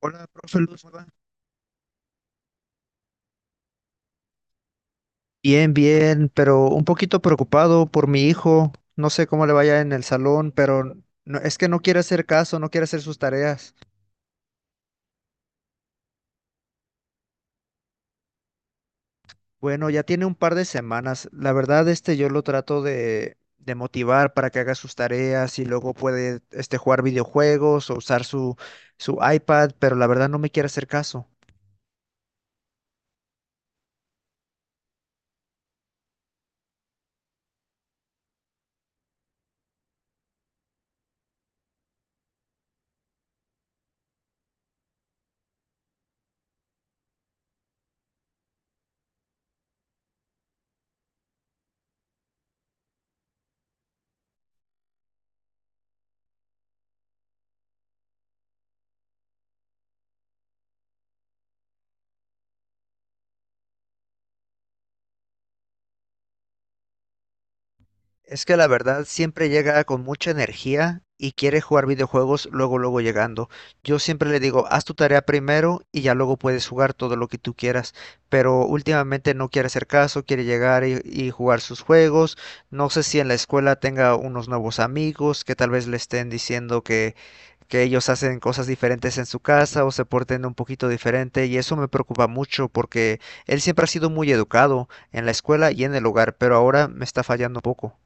Hola, profe Luz, ¿cómo? Bien, bien, pero un poquito preocupado por mi hijo. No sé cómo le vaya en el salón, pero es que no quiere hacer caso, no quiere hacer sus tareas. Bueno, ya tiene un par de semanas. La verdad, yo lo trato de motivar para que haga sus tareas y luego puede, jugar videojuegos o usar su iPad, pero la verdad no me quiere hacer caso. Es que la verdad siempre llega con mucha energía y quiere jugar videojuegos luego, luego llegando. Yo siempre le digo, haz tu tarea primero y ya luego puedes jugar todo lo que tú quieras. Pero últimamente no quiere hacer caso, quiere llegar y jugar sus juegos. No sé si en la escuela tenga unos nuevos amigos que tal vez le estén diciendo que ellos hacen cosas diferentes en su casa o se porten un poquito diferente. Y eso me preocupa mucho porque él siempre ha sido muy educado en la escuela y en el hogar, pero ahora me está fallando un poco.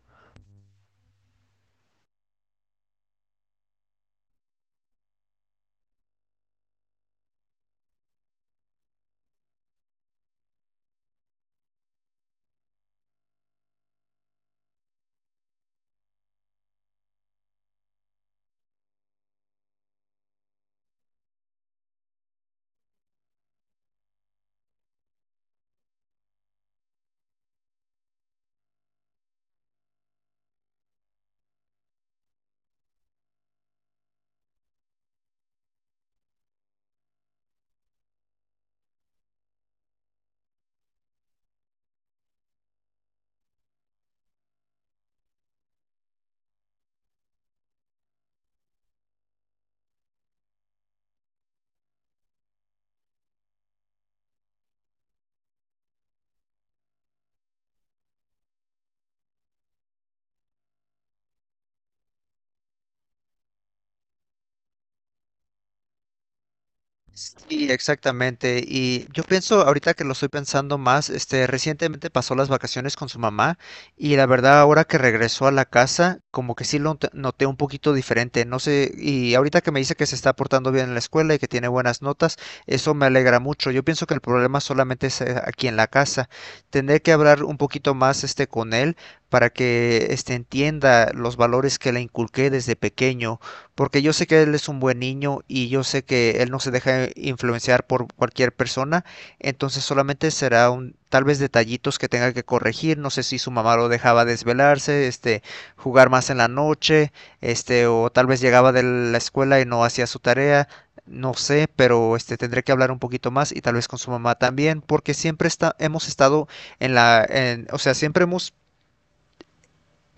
Sí, exactamente. Y yo pienso, ahorita que lo estoy pensando más, recientemente pasó las vacaciones con su mamá, y la verdad ahora que regresó a la casa, como que sí lo noté un poquito diferente. No sé, y ahorita que me dice que se está portando bien en la escuela y que tiene buenas notas, eso me alegra mucho. Yo pienso que el problema solamente es aquí en la casa. Tendré que hablar un poquito más, con él para que entienda los valores que le inculqué desde pequeño, porque yo sé que él es un buen niño y yo sé que él no se deja influenciar por cualquier persona. Entonces solamente será un tal vez detallitos que tenga que corregir. No sé si su mamá lo dejaba desvelarse, jugar más en la noche, o tal vez llegaba de la escuela y no hacía su tarea. No sé, pero tendré que hablar un poquito más, y tal vez con su mamá también, porque siempre hemos estado o sea, siempre hemos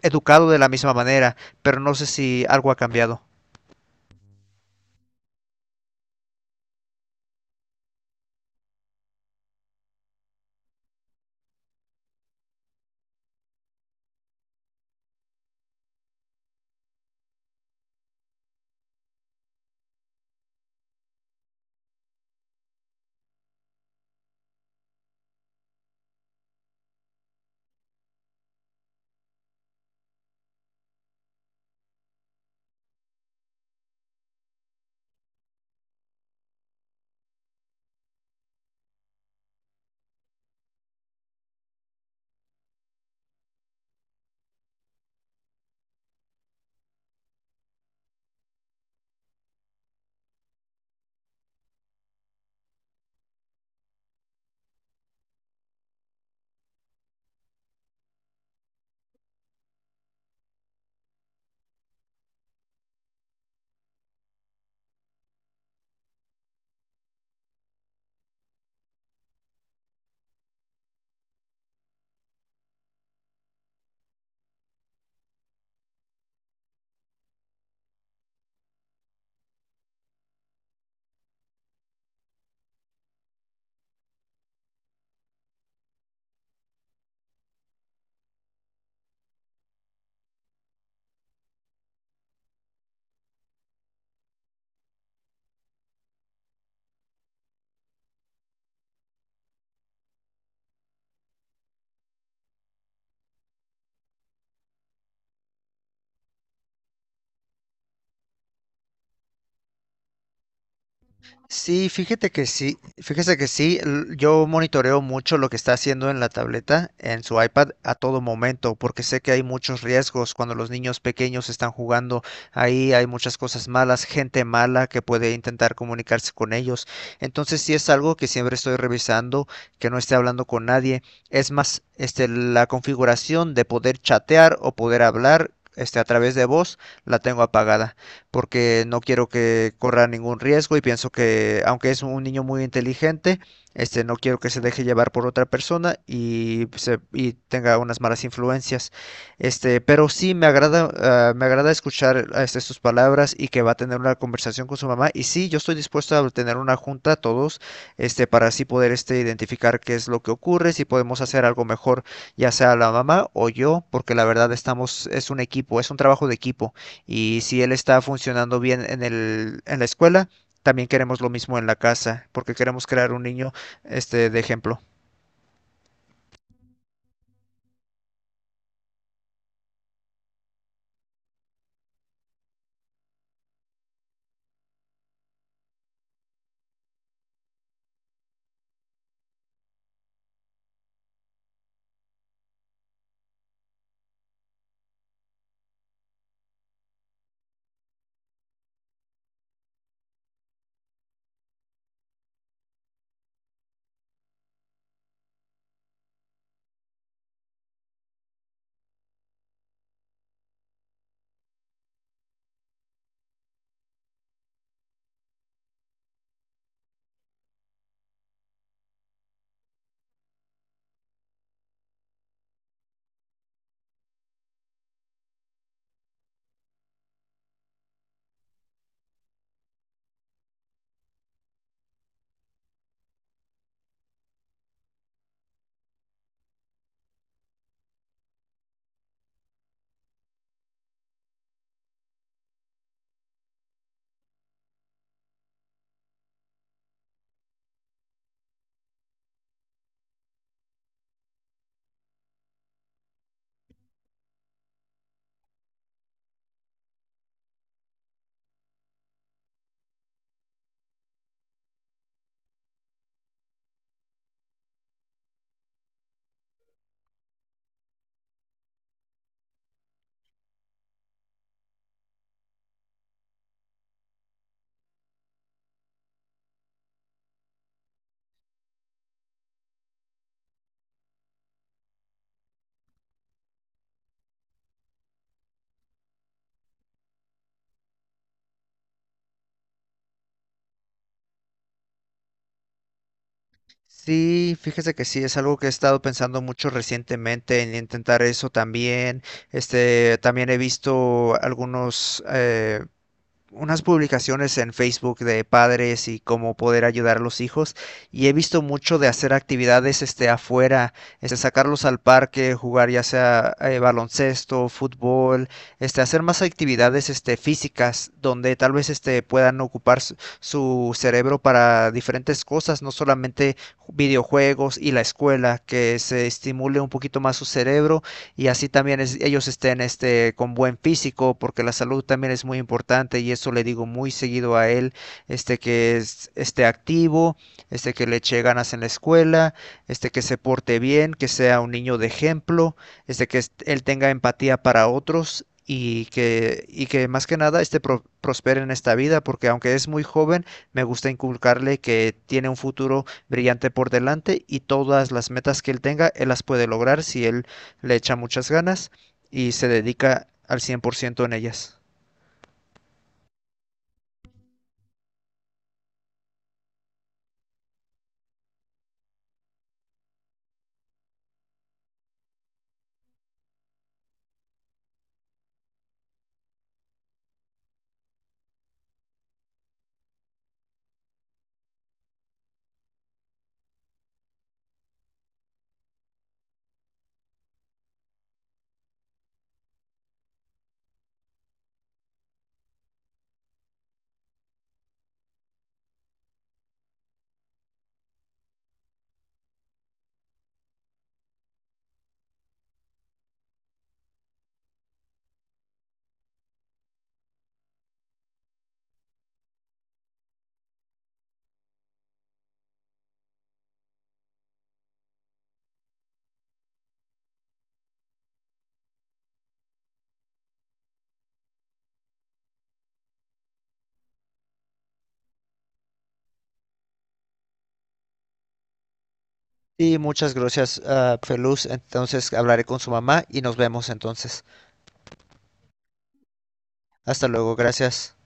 educado de la misma manera, pero no sé si algo ha cambiado. Sí, fíjate que sí, fíjese que sí, yo monitoreo mucho lo que está haciendo en la tableta, en su iPad a todo momento, porque sé que hay muchos riesgos cuando los niños pequeños están jugando ahí. Hay muchas cosas malas, gente mala que puede intentar comunicarse con ellos. Entonces sí es algo que siempre estoy revisando, que no esté hablando con nadie. Es más, la configuración de poder chatear o poder hablar, a través de voz, la tengo apagada porque no quiero que corra ningún riesgo, y pienso que, aunque es un niño muy inteligente, no quiero que se deje llevar por otra persona y tenga unas malas influencias. Pero sí me agrada escuchar, sus palabras, y que va a tener una conversación con su mamá. Y sí, yo estoy dispuesto a tener una junta todos, para así poder, identificar qué es lo que ocurre, si podemos hacer algo mejor, ya sea la mamá o yo, porque la verdad estamos, es un equipo, es un trabajo de equipo. Y si él está funcionando bien en la escuela, también queremos lo mismo en la casa, porque queremos crear un niño, de ejemplo. Sí, fíjese que sí, es algo que he estado pensando mucho recientemente en intentar eso también. También he visto unas publicaciones en Facebook de padres y cómo poder ayudar a los hijos, y he visto mucho de hacer actividades afuera, sacarlos al parque, jugar ya sea baloncesto, fútbol, hacer más actividades físicas donde tal vez puedan ocupar su cerebro para diferentes cosas, no solamente videojuegos y la escuela, que se estimule un poquito más su cerebro, y así también ellos estén, con buen físico, porque la salud también es muy importante, y eso le digo muy seguido a él, que esté activo, que le eche ganas en la escuela, que se porte bien, que sea un niño de ejemplo, que él tenga empatía para otros. Y que más que nada prospere en esta vida, porque aunque es muy joven, me gusta inculcarle que tiene un futuro brillante por delante, y todas las metas que él tenga, él las puede lograr si él le echa muchas ganas y se dedica al 100% en ellas. Y muchas gracias, Feluz. Entonces hablaré con su mamá y nos vemos entonces. Hasta luego, gracias.